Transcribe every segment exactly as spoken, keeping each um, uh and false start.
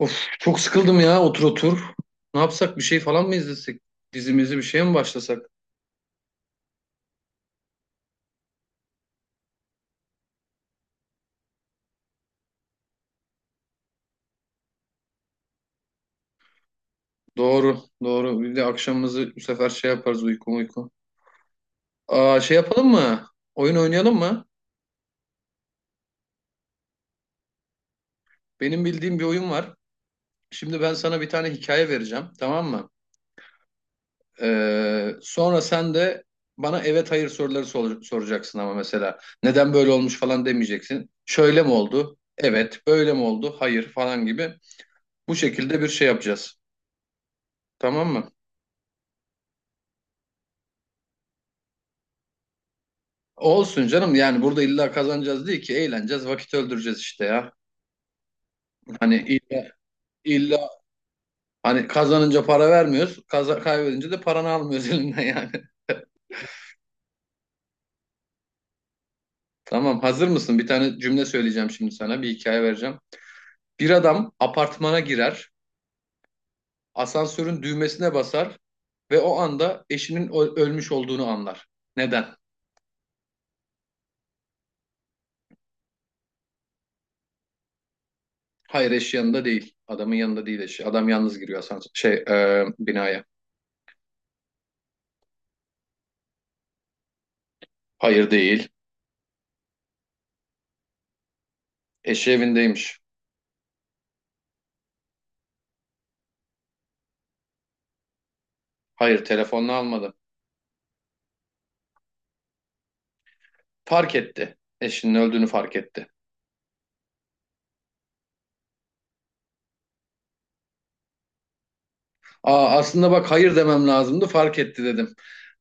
Of çok sıkıldım ya otur otur. Ne yapsak bir şey falan mı izlesek? Dizimizi bir şeye mi başlasak? Doğru doğru bir de akşamımızı bu sefer şey yaparız uyku uyku. Aa, şey yapalım mı? Oyun oynayalım mı? Benim bildiğim bir oyun var. Şimdi ben sana bir tane hikaye vereceğim tamam mı? Ee, sonra sen de bana evet hayır soruları sor- soracaksın ama mesela. Neden böyle olmuş falan demeyeceksin. Şöyle mi oldu? Evet. Böyle mi oldu? Hayır falan gibi. Bu şekilde bir şey yapacağız. Tamam mı? Olsun canım yani burada illa kazanacağız değil ki eğleneceğiz vakit öldüreceğiz işte ya. Hani illa, illa hani kazanınca para vermiyoruz kaza, kaybedince de paranı almıyoruz elinden yani. Tamam hazır mısın? Bir tane cümle söyleyeceğim şimdi sana bir hikaye vereceğim. Bir adam apartmana girer asansörün düğmesine basar ve o anda eşinin ö- ölmüş olduğunu anlar. Neden? Hayır eşi yanında değil, adamın yanında değil eşi, adam yalnız giriyor asansör şey e, binaya. Hayır değil, eşi evindeymiş. Hayır telefonla almadı. Fark etti. Eşinin öldüğünü fark etti. Aa, aslında bak hayır demem lazımdı, fark etti dedim.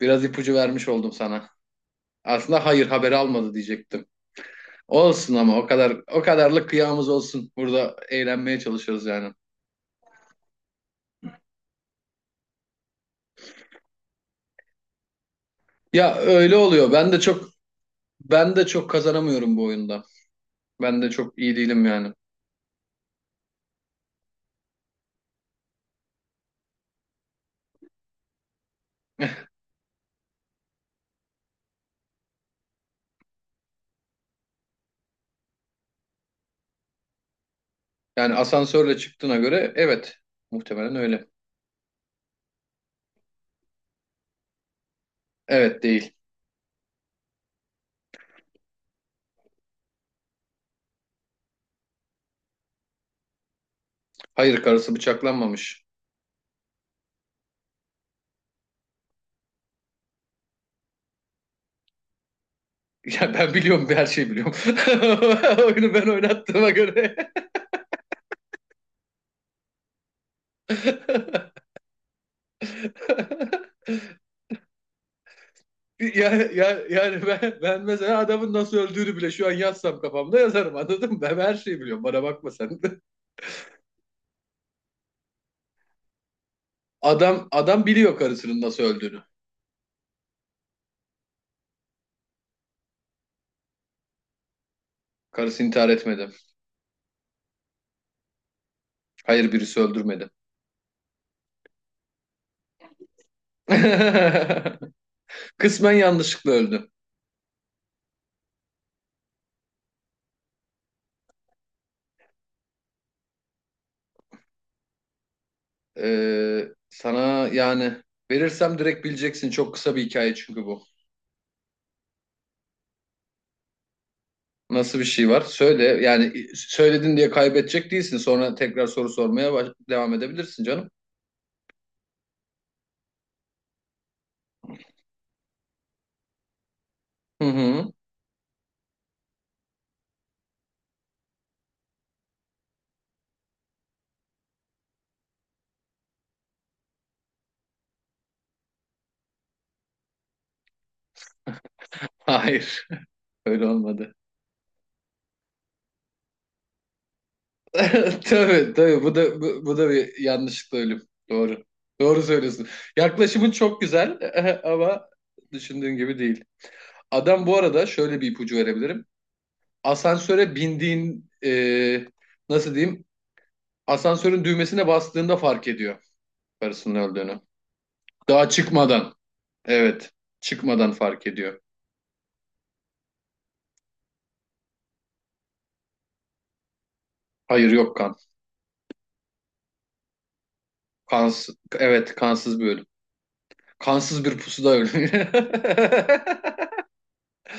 Biraz ipucu vermiş oldum sana. Aslında hayır haberi almadı diyecektim. Olsun ama o kadar o kadarlık kıyamız olsun. Burada eğlenmeye çalışıyoruz yani. Ya öyle oluyor. Ben de çok ben de çok kazanamıyorum bu oyunda. Ben de çok iyi değilim yani. Yani asansörle çıktığına göre evet, muhtemelen öyle. Evet değil. Hayır karısı bıçaklanmamış. Ya ben biliyorum, her şeyi biliyorum. Oyunu ben oynattığıma göre. Yani, yani, yani ben, ben mesela adamın nasıl öldüğünü bile şu an yazsam kafamda yazarım, anladın mı? Ben her şeyi biliyorum. Bana bakma sen. de. Adam adam biliyor karısının nasıl öldüğünü. Karısı intihar etmedi. Hayır birisi öldürmedi. Kısmen yanlışlıkla öldü. Ee, sana yani verirsem direkt bileceksin. Çok kısa bir hikaye çünkü bu. Nasıl bir şey var? Söyle. Yani söyledin diye kaybedecek değilsin. Sonra tekrar soru sormaya baş- devam edebilirsin canım. Hı hı. Hayır. Öyle olmadı. Tabii tabii, bu da bu, bu da bir yanlışlıkla ölüm. Doğru. Doğru söylüyorsun. Yaklaşımın çok güzel ama düşündüğün gibi değil. Adam, bu arada şöyle bir ipucu verebilirim. Asansöre bindiğin e, nasıl diyeyim? Asansörün düğmesine bastığında fark ediyor karısının öldüğünü. Daha çıkmadan. Evet. Çıkmadan fark ediyor. Hayır, yok kan. Kans, evet, kansız bir ölüm. Kansız bir pusuda ölüm.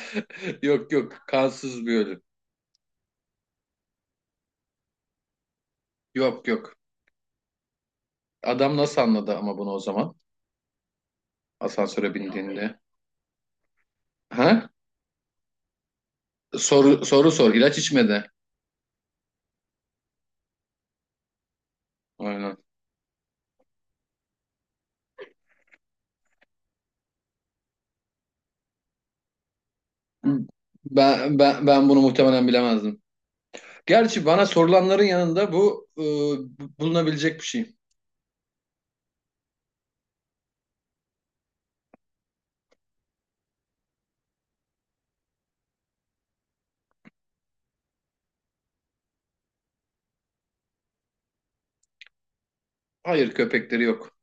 Yok yok, kansız bir ölüm. Yok yok. Adam nasıl anladı ama bunu o zaman? Asansöre bindiğinde. Ha? Soru soru sor. İlaç içmedi. Aynen. Ben, ben, ben bunu muhtemelen bilemezdim. Gerçi bana sorulanların yanında bu e, bulunabilecek bir şey. Hayır, köpekleri yok.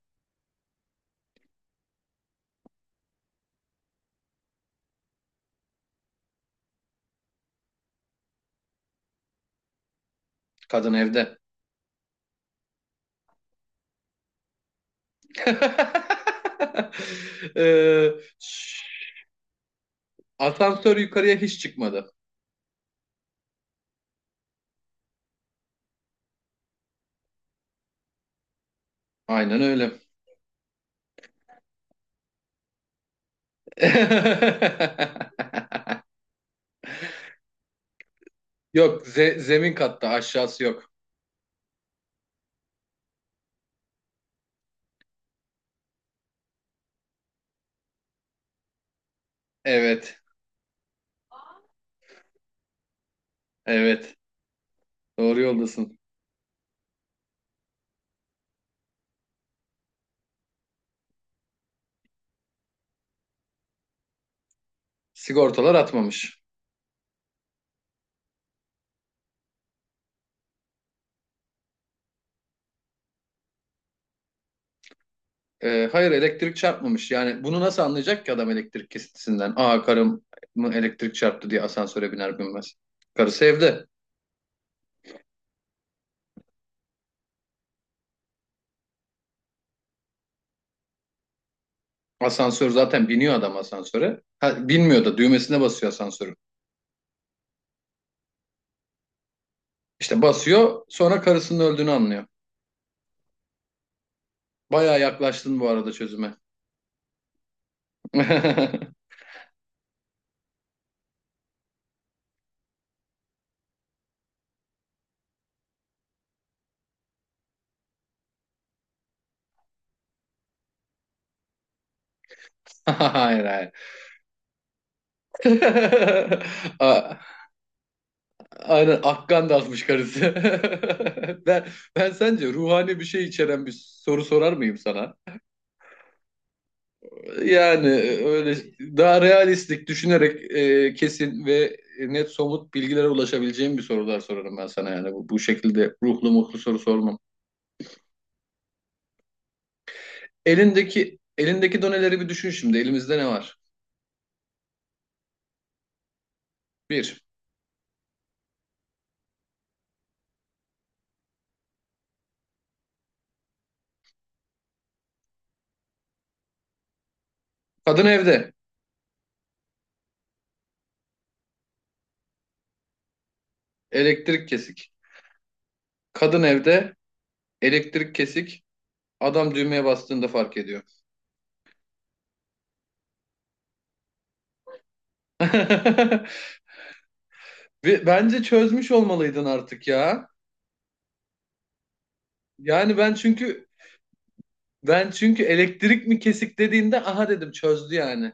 Kadın evde. E, asansör yukarıya hiç çıkmadı. Aynen öyle. Yok, ze- zemin katta aşağısı yok. Evet. Evet. Doğru yoldasın. Sigortalar atmamış. Ee, hayır, elektrik çarpmamış. Yani bunu nasıl anlayacak ki adam elektrik kesintisinden? Aa, karım mı elektrik çarptı diye asansöre biner binmez. Karısı evde. Asansör zaten, biniyor adam asansöre. Ha, binmiyor da düğmesine basıyor asansörün. İşte basıyor sonra karısının öldüğünü anlıyor. Bayağı yaklaştın bu arada çözüme. Hayır hayır. Aa, aynen Akkan da atmış karısı. Ben, ben sence ruhani bir şey içeren bir soru sorar mıyım sana? Yani e, öyle daha realistik düşünerek e, kesin ve net somut bilgilere ulaşabileceğim bir sorular sorarım ben sana yani, bu, bu şekilde ruhlu mutlu soru sormam. Elindeki elindeki doneleri bir düşün şimdi. Elimizde ne var? Bir. Kadın evde. Elektrik kesik. Kadın evde. Elektrik kesik. Adam düğmeye bastığında fark ediyor. Ve bence çözmüş olmalıydın artık ya. Yani ben çünkü ben çünkü elektrik mi kesik dediğinde aha dedim, çözdü yani.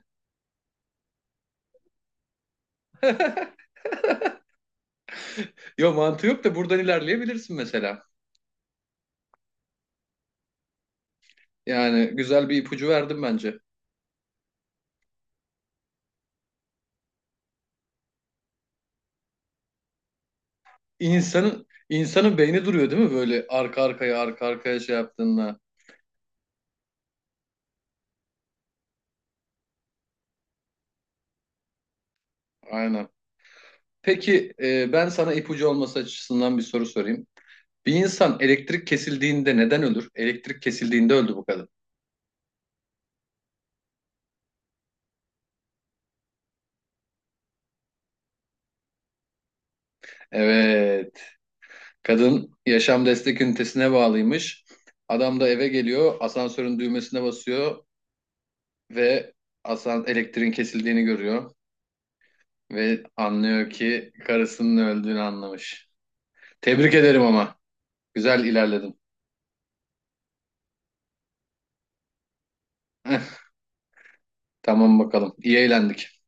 Yo, mantığı yok da buradan ilerleyebilirsin mesela. Yani güzel bir ipucu verdim bence. İnsanın insanın beyni duruyor değil mi böyle arka arkaya arka arkaya şey yaptığında. Aynen. Peki e, ben sana ipucu olması açısından bir soru sorayım. Bir insan elektrik kesildiğinde neden ölür? Elektrik kesildiğinde öldü bu kadın. Evet. Kadın yaşam destek ünitesine bağlıymış. Adam da eve geliyor, asansörün düğmesine basıyor ve asan elektriğin kesildiğini görüyor ve anlıyor ki karısının öldüğünü anlamış. Tebrik ederim ama. Güzel ilerledin. Tamam bakalım. İyi eğlendik.